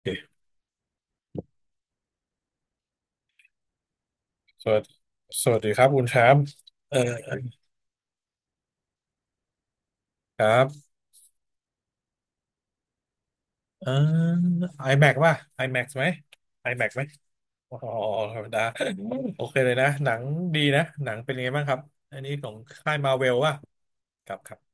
โอเคสวัสดีสวัสดีครับคุณแชมป์เออครับเออ iMac ป่ะ iMac ไหม iMac ไหมอ๋อธรรมดาโอเคเลยนะ หนังดีนะ หนังเป็นยังไงบ้างครับ อันนี้ของค่ายมาเวลว่ะครับครับ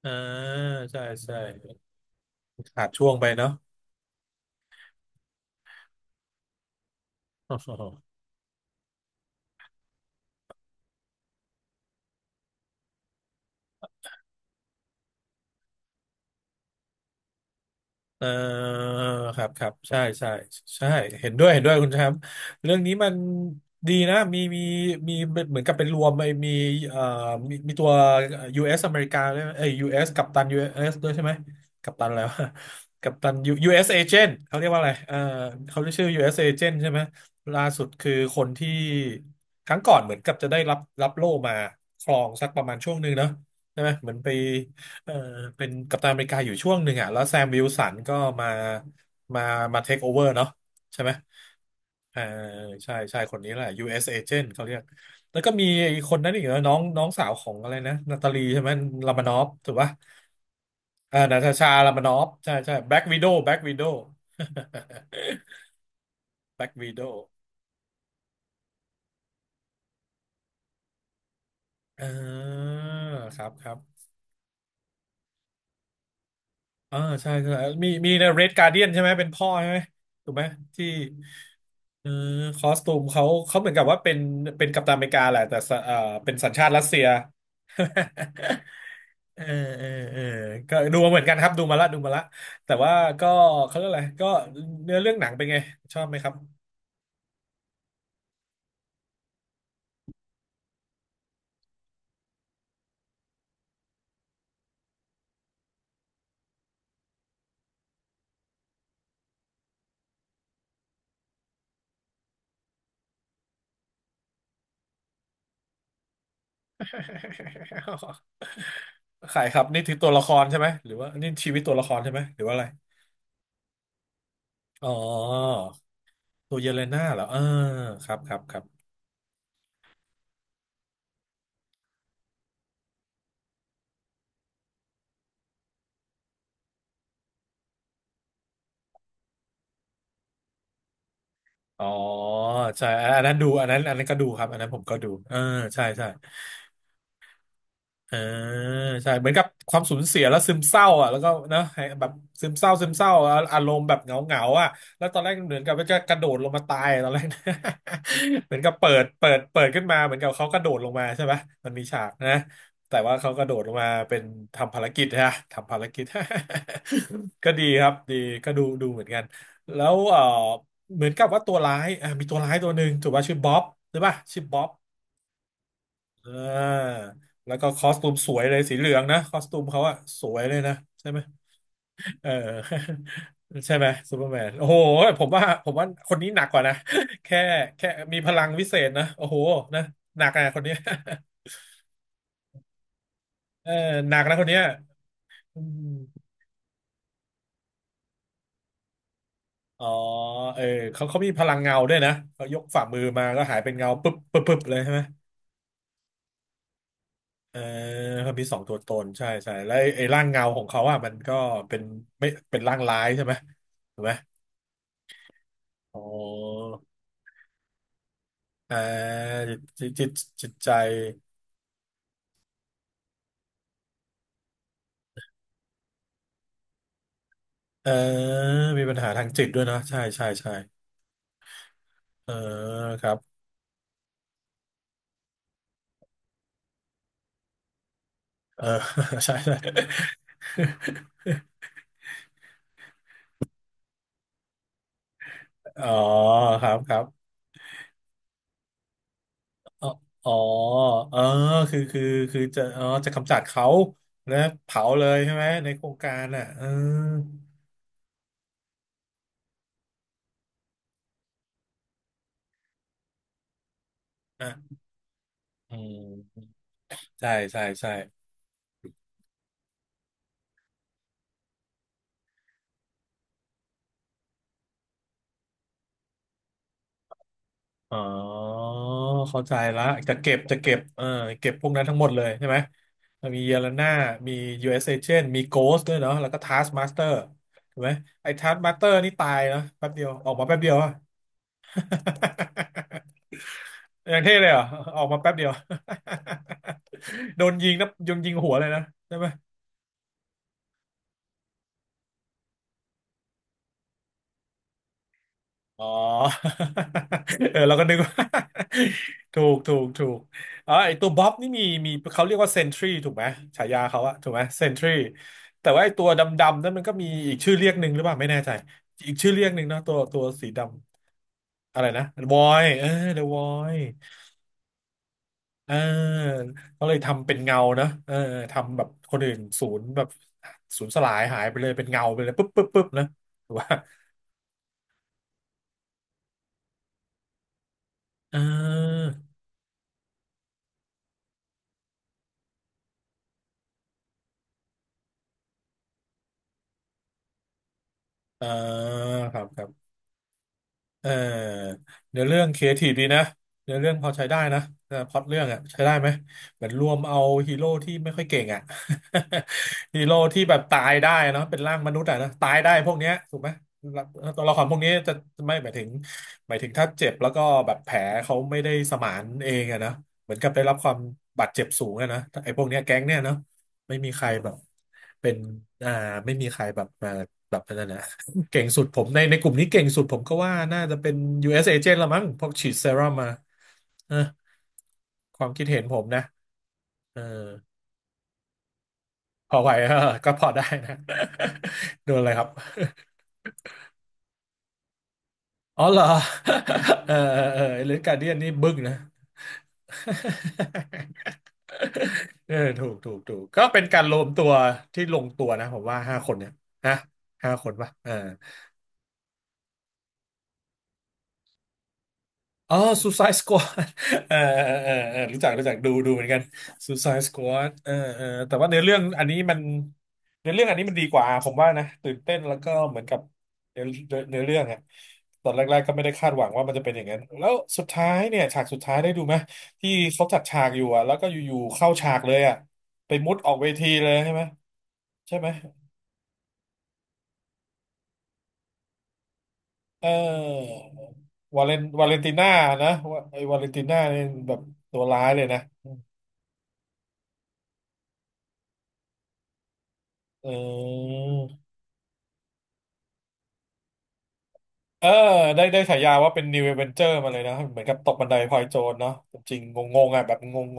เออใช่ใช่ขาดช่วงไปเนาะ เออครับครับใช่ใช่ใช่เห็นด้วยเห็นด้วยคุณแชมป์เรื่องนี้มันดีนะมีมีเหมือนกับเป็นรวมไปมีเอ่อมีตัว US อสอเมริกาด้วยเอ้ย US กัปตัน US ด้วยใช่ไหมกัปตันแล้ว กัปตัน s agent เขาเรียกว่าอะไรเออเขาเรียกชื่อ US agent ใช่ไหมล่าสุดคือคนที่ครั้งก่อนเหมือนกับจะได้รับโล่มาครองสักประมาณช่วงหนึ่งเนอะใช่ไหมเหมือนไป เออเป็นกัปตันอเมริกาอยู่ช่วงหนึ่งอ่ะแล้วแซมวิลสันก็มามามาเทคโอเวอร์เนาะใช่ไหมเออใช่ใช่คนนี้แหละ U.S. Agent เขาเรียกแล้วก็มีไอ้คนนั้นอีกนะน้องน้องสาวของอะไรนะนาตาลีใช่ไหมลามานอฟถูกป่ะเออนาตาชาลามานอฟใช่ใช่แบล็กวิโดวแบล็กวิโด วแบล็กวิโดว เออครับครับ อ่าใช่ใช่มีในเรดการ์เดียนใช่ไหมเป็นพ่อใช่ไหมถูกไหมที่เออคอสตูมเขาเหมือนกับว่าเป็นเป็นกัปตันอเมริกาแหละแต่สเป็นสัญชาติรัสเซีย เออเออเออก็ดูมาเหมือนกันครับดูมาละแต่ว่าก็เขาเรียกอะไรก็เนื้อเรื่องหนังเป็นไงชอบไหมครับ ขาย ครับนี่ถือตัวละครใช่ไหมหรือว่านี่ชีวิตตัวละครใช่ไหมหรือว่าอะไรอ๋อตัวเยเลน่าเหรอเออครับครับครับ อ๋อใช่อันนั้นดูอันนั้นอันนั้นก็ดูครับอันนั้นผมก็ดูเออใช่ใช่ อ่าใช่เหมือนกับความสูญเสียแล้วซึมเศร้าอ่ะแล้วก็นะให้แบบซึมเศร้าอะอารมณ์แบบเหงาเหงาอ่ะแล้วตอนแรกเหมือนกับว่าจะกระโดดลงมาตายตอนแรกนะ เหมือนกับเปิดขึ้นมาเหมือนกับเขากระโดดลงมาใช่ไหมมันมีฉากนะแต่ว่าเขากระโดดลงมาเป็นทำภารกิจนะทำภารกิจ ก็ดีครับดีก็ดูเหมือนกันแล้วเออเหมือนกับว่าตัวร้ายอ่ะมีตัวร้ายตัวหนึ่งถูกป่ะชื่อบ๊อบหรือป่ะชื่อบ๊อบ อ่าแล้วก็คอสตูมสวยเลยสีเหลืองนะคอสตูมเขาอะสวยเลยนะใช่ไหมเออ ใช่ไหมซูเปอร์แมนโอ้โหผมว่าคนนี้หนักกว่านะ แค่แค่มีพลังวิเศษนะโอ้โหนะหนักอะคนเนี้ย เออหนักนะคนเนี้ยอืมอ๋อเออเขามีพลังเงาด้วยนะเขายกฝ่ามือมาก็หายเป็นเงาปึ๊บปึ๊บปึ๊บเลยใช่ไหมเออเขามีสองตัวตนใช่ใช่แล้วไอ้ร่างเงาของเขาอ่ะมันก็เป็นไม่เป็นร่างร้ายใช่ไหมถูกไหม อ๋ออ่าจิตใจเออมีปัญหาทางจิตด้วยนะใช่ใช่ใช่เออครับเออ ใช่ ใช่อ๋อครับครับอ๋ออ๋อเออคือคือคือจะอ๋อจะกำจัดเขาแล้วเผาเลยใช่ไหมในโครงการอ่ะเออนะอืมใช่ใช่ใช่ อ๋อเข้าใจละจะเก็บเออเก็บพวกนั้นทั้งหมดเลยใช่ไหมมีเยลาน่ามี US Agent มี Ghost ด้วยเนาะแล้วก็ Taskmaster ถูกไหมไอ้ Taskmaster นี่ตายเนาะแป๊บเดียวออกมาแป๊บเดียวอะ อย่างเท่เลยเหรอออกมาแป๊บเดียว โดนยิงนะโดนยิงหัวเลยนะใช่ไหม อ๋อ เออเราก็นึก ว่า ถูกถูกอ๋อไอตัวบ๊อบนี่มีเขาเรียกว่าเซนทรีถูกไหมฉายาเขาอะถูกไหมเซนทรีแต่ว่าไอตัวดำๆนั่นมันก็มีอีกชื่อเรียกหนึ่งหรือเปล่าไม่แน่ใจอีกชื่อเรียกหนึ่งเนาะตัวสีดำอะไรนะวอยเออเดอะวอยเออเขาเลยทำเป็นเงาเนาะเออทำแบบคนอื่นศูนย์แบบศูนย์สลายหายไปเลยเป็นเงาไปเลยปุ๊บปุ๊บปุ๊บนะถูกว่าเออเออครับครับ เออเนื้อเรื่องครีเอทีฟดีนะเนื้อเรื่องพอใช้ได้นะเออพล็อตเรื่องอ่ะใช้ได้ไหมเหมือนรวมเอาฮีโร่ที่ไม่ค่อยเก่งอ่ะ ฮีโร่ที่แบบตายได้เนาะเป็นร่างมนุษย์อ่ะนะตายได้พวกเนี้ยถูกไหมตัวละครพวกนี้จะไม่หมายถึงหมายถึงถ้าเจ็บแล้วก็แบบแผลเขาไม่ได้สมานเองอะนะเหมือนกับได้รับความบาดเจ็บสูงอะนะไอ้พวกเนี้ยแก๊งเนี้ยเนาะไม่มีใครแบบเป็นอ่าไม่มีใครแบบมาแบบนั้นนะ เก่งสุดผมในกลุ่มนี้เก่งสุดผมก็ว่าน่าจะเป็น US Agent ละมั้งเพราะฉีดเซรั่มมานะความคิดเห็นผมนะเออพอไหว เออก็พอได้นะ โดนอะไรครับอ๋อเหรอ เออเออเออหรือการเดียนนี่บึ้งนะ เออถูกถูกถูกก็เป็นการรวมตัวที่ลงตัวนะผมว่าห้าคนเนี่ยนะห้าคนปะเออ อ๋อ Suicide Squad เออเออเออเออรู้จักรู้จักดูดูเหมือนกัน Suicide Squad เออเออแต่ว่าเนื้อเรื่องอันนี้มันเนื้อเรื่องอันนี้มันดีกว่าผมว่านะตื่นเต้นแล้วก็เหมือนกับเนื้อเรื่องอะตอนแรกๆก็ไม่ได้คาดหวังว่ามันจะเป็นอย่างนั้นแล้วสุดท้ายเนี่ยฉากสุดท้ายได้ดูไหมที่เขาจัดฉากอยู่อะแล้วก็อยู่ๆเข้าฉากเลยอะไปมุดออกเวทีเลยใช่ไหมใช่ไหมเออวาเลนติน่านะว่าไอ้วาเลนติน่าเนี่ยแบบตัวร้ายเลยนะ เออเออได้ได้ฉายาว่าเป็น New Avenger มาเลยนะเหมือนกับตกบันไดพลอยโจรเนาะจริงงงๆอ่ะแบบงง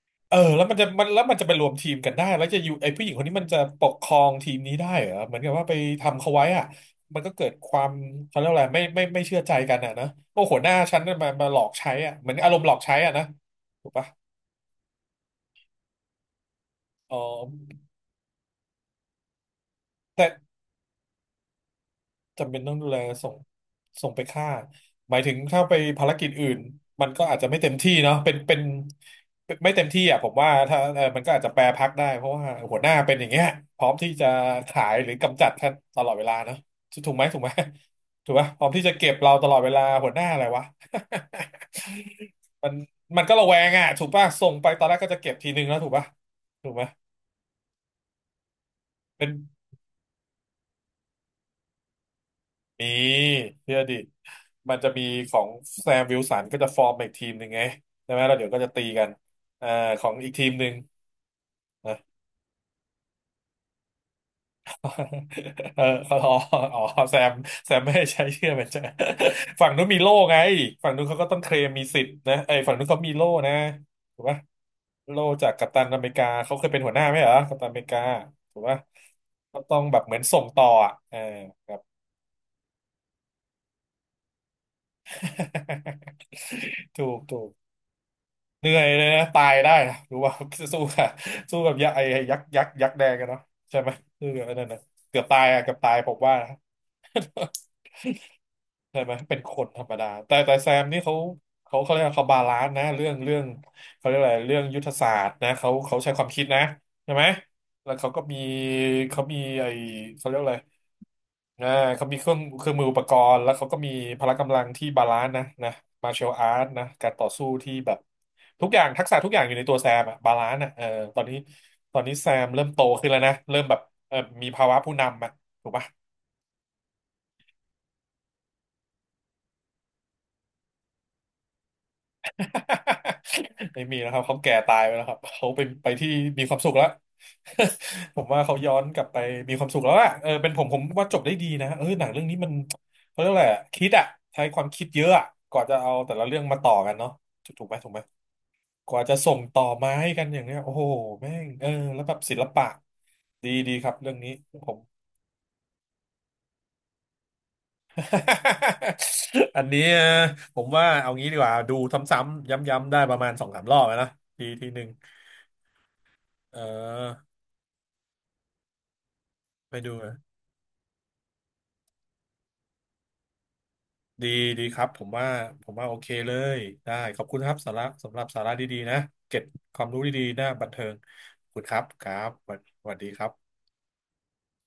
ๆเออแล้วมันจะมันแล้วมันจะไปรวมทีมกันได้แล้วจะอยู่ไอ้ผู้หญิงคนนี้มันจะปกครองทีมนี้ได้เหรอเหมือนกับว่าไปทำเขาไว้อ่ะมันก็เกิดความเขาเรียกวอะไรไม่เชื่อใจกันอ่ะนะโอ้หัวหน้าฉันมาหลอกใช้อ่ะเหมือนอารมณ์หลอกใช้อ่ะนะถูกปะอ๋อแต่ จำเป็นต้องดูแลส่งส่งไปฆ่าหมายถึงถ้าไปภารกิจอื่นมันก็อาจจะไม่เต็มที่เนาะเป็นเป็นเป็นไม่เต็มที่อ่ะผมว่าถ้าเออมันก็อาจจะแปรพักได้เพราะว่าหัวหน้าเป็นอย่างเงี้ยพร้อมที่จะขายหรือกำจัดท่านตลอดเวลาเนาะถูกไหมถูกไหมถูกไหมพร้อมที่จะเก็บเราตลอดเวลาหัวหน้าอะไรวะ มันมันก็ระแวงอ่ะถูกป่ะส่งไปตอนแรกก็จะเก็บทีนึงแล้วถูกป่ะถูกไหมเป็น มีเชื่อดิมันจะมีของแซมวิลสันก็จะฟอร์มอีกทีมหนึ่งไงใช่ไหมแล้วเดี๋ยวก็จะตีกันเอ่อของอีกทีมหนึ่ง นะเออเขาอ๋ออ๋อแซมแซมไม่ให้ใช้ชื่อมันจะ ฝั่งนู้นมีโล่ไงฝั่งนู้นเขาก็ต้องเคลมมีสิทธิ์นะไอ้ยฝั่งนู้นเขามีโล่นะถูกปะโล่จากกัปตันอเมริกาเขาเคยเป็นหัวหน้าไหมเหรอกัปตันอเมริกาถูกปะก็ต้องแบบเหมือนส่งต่ออ่ะเออครับ ถูกถูก เหนื่อยเลยนะตายได้นะรู้ป่ะ สู้ค่ะสู้กับยักษ์ไอ้ยักษ์แดงกันเนาะใช่ไหมสู้กับนั่นนะเกือบตายอะเกือบตายผมว่านะ ใช่ไหมเป็นคนธรรมดาแต่แต่แซมนี่เขาเขาเรียกว่าเขาบาลานซ์นะเรื่องเรื่องเขาเรียกอะไรเรื่องยุทธศาสตร์นะเขาใช้ความคิดนะใช่ไหมแล้วเขาก็มีเขามีไอ้เขาเรียกอะไร อ่าเขามีเครื่องเครื่องมืออุปกรณ์แล้วเขาก็มีพละกำลังที่บาลานซ์นะนะมาร์เชลอาร์ตนะการต่อสู้ที่แบบทุกอย่างทักษะทุกอย่างอยู่ในตัวแซมอะบาลานซ์อะเออตอนนี้ตอนนี้แซมเริ่มโตขึ้นแล้วนะเริ่มแบบเออมีภาวะผู้นำอะถูกปะ ไม่มีนะครับเขาแก่ตายไปแล้วครับเขาไปไปที่มีความสุขแล้ว ผมว่าเขาย้อนกลับไปมีความสุขแล้วอะเออเป็นผมผมว่าจบได้ดีนะเออหนังเรื่องนี้มันเขาเรียกอะไรอะคิดอะใช้ความคิดเยอะอะกว่าจะเอาแต่ละเรื่องมาต่อกันเนาะถูกถูกไหมถูกไหมกว่าจะส่งต่อมาให้กันอย่างเนี้ยโอ้โหแม่งเออแล้วแบบศิลปะดีดีครับเรื่องนี้ผม อันนี้ผมว่าเอางี้ดีกว่าดูซ้ำๆย้ำๆได้ประมาณสองสามรอบแล้วนะทีหนึ่งเออ ไปดูนะดีดีครับผมว่าผมว่าโอเคเลยได้ขอบคุณครับสาระสำหรับสาระดีๆนะเก็บความรู้ดีๆหน้าบันเทิงขอบคุณครับครับสวัสดีครับ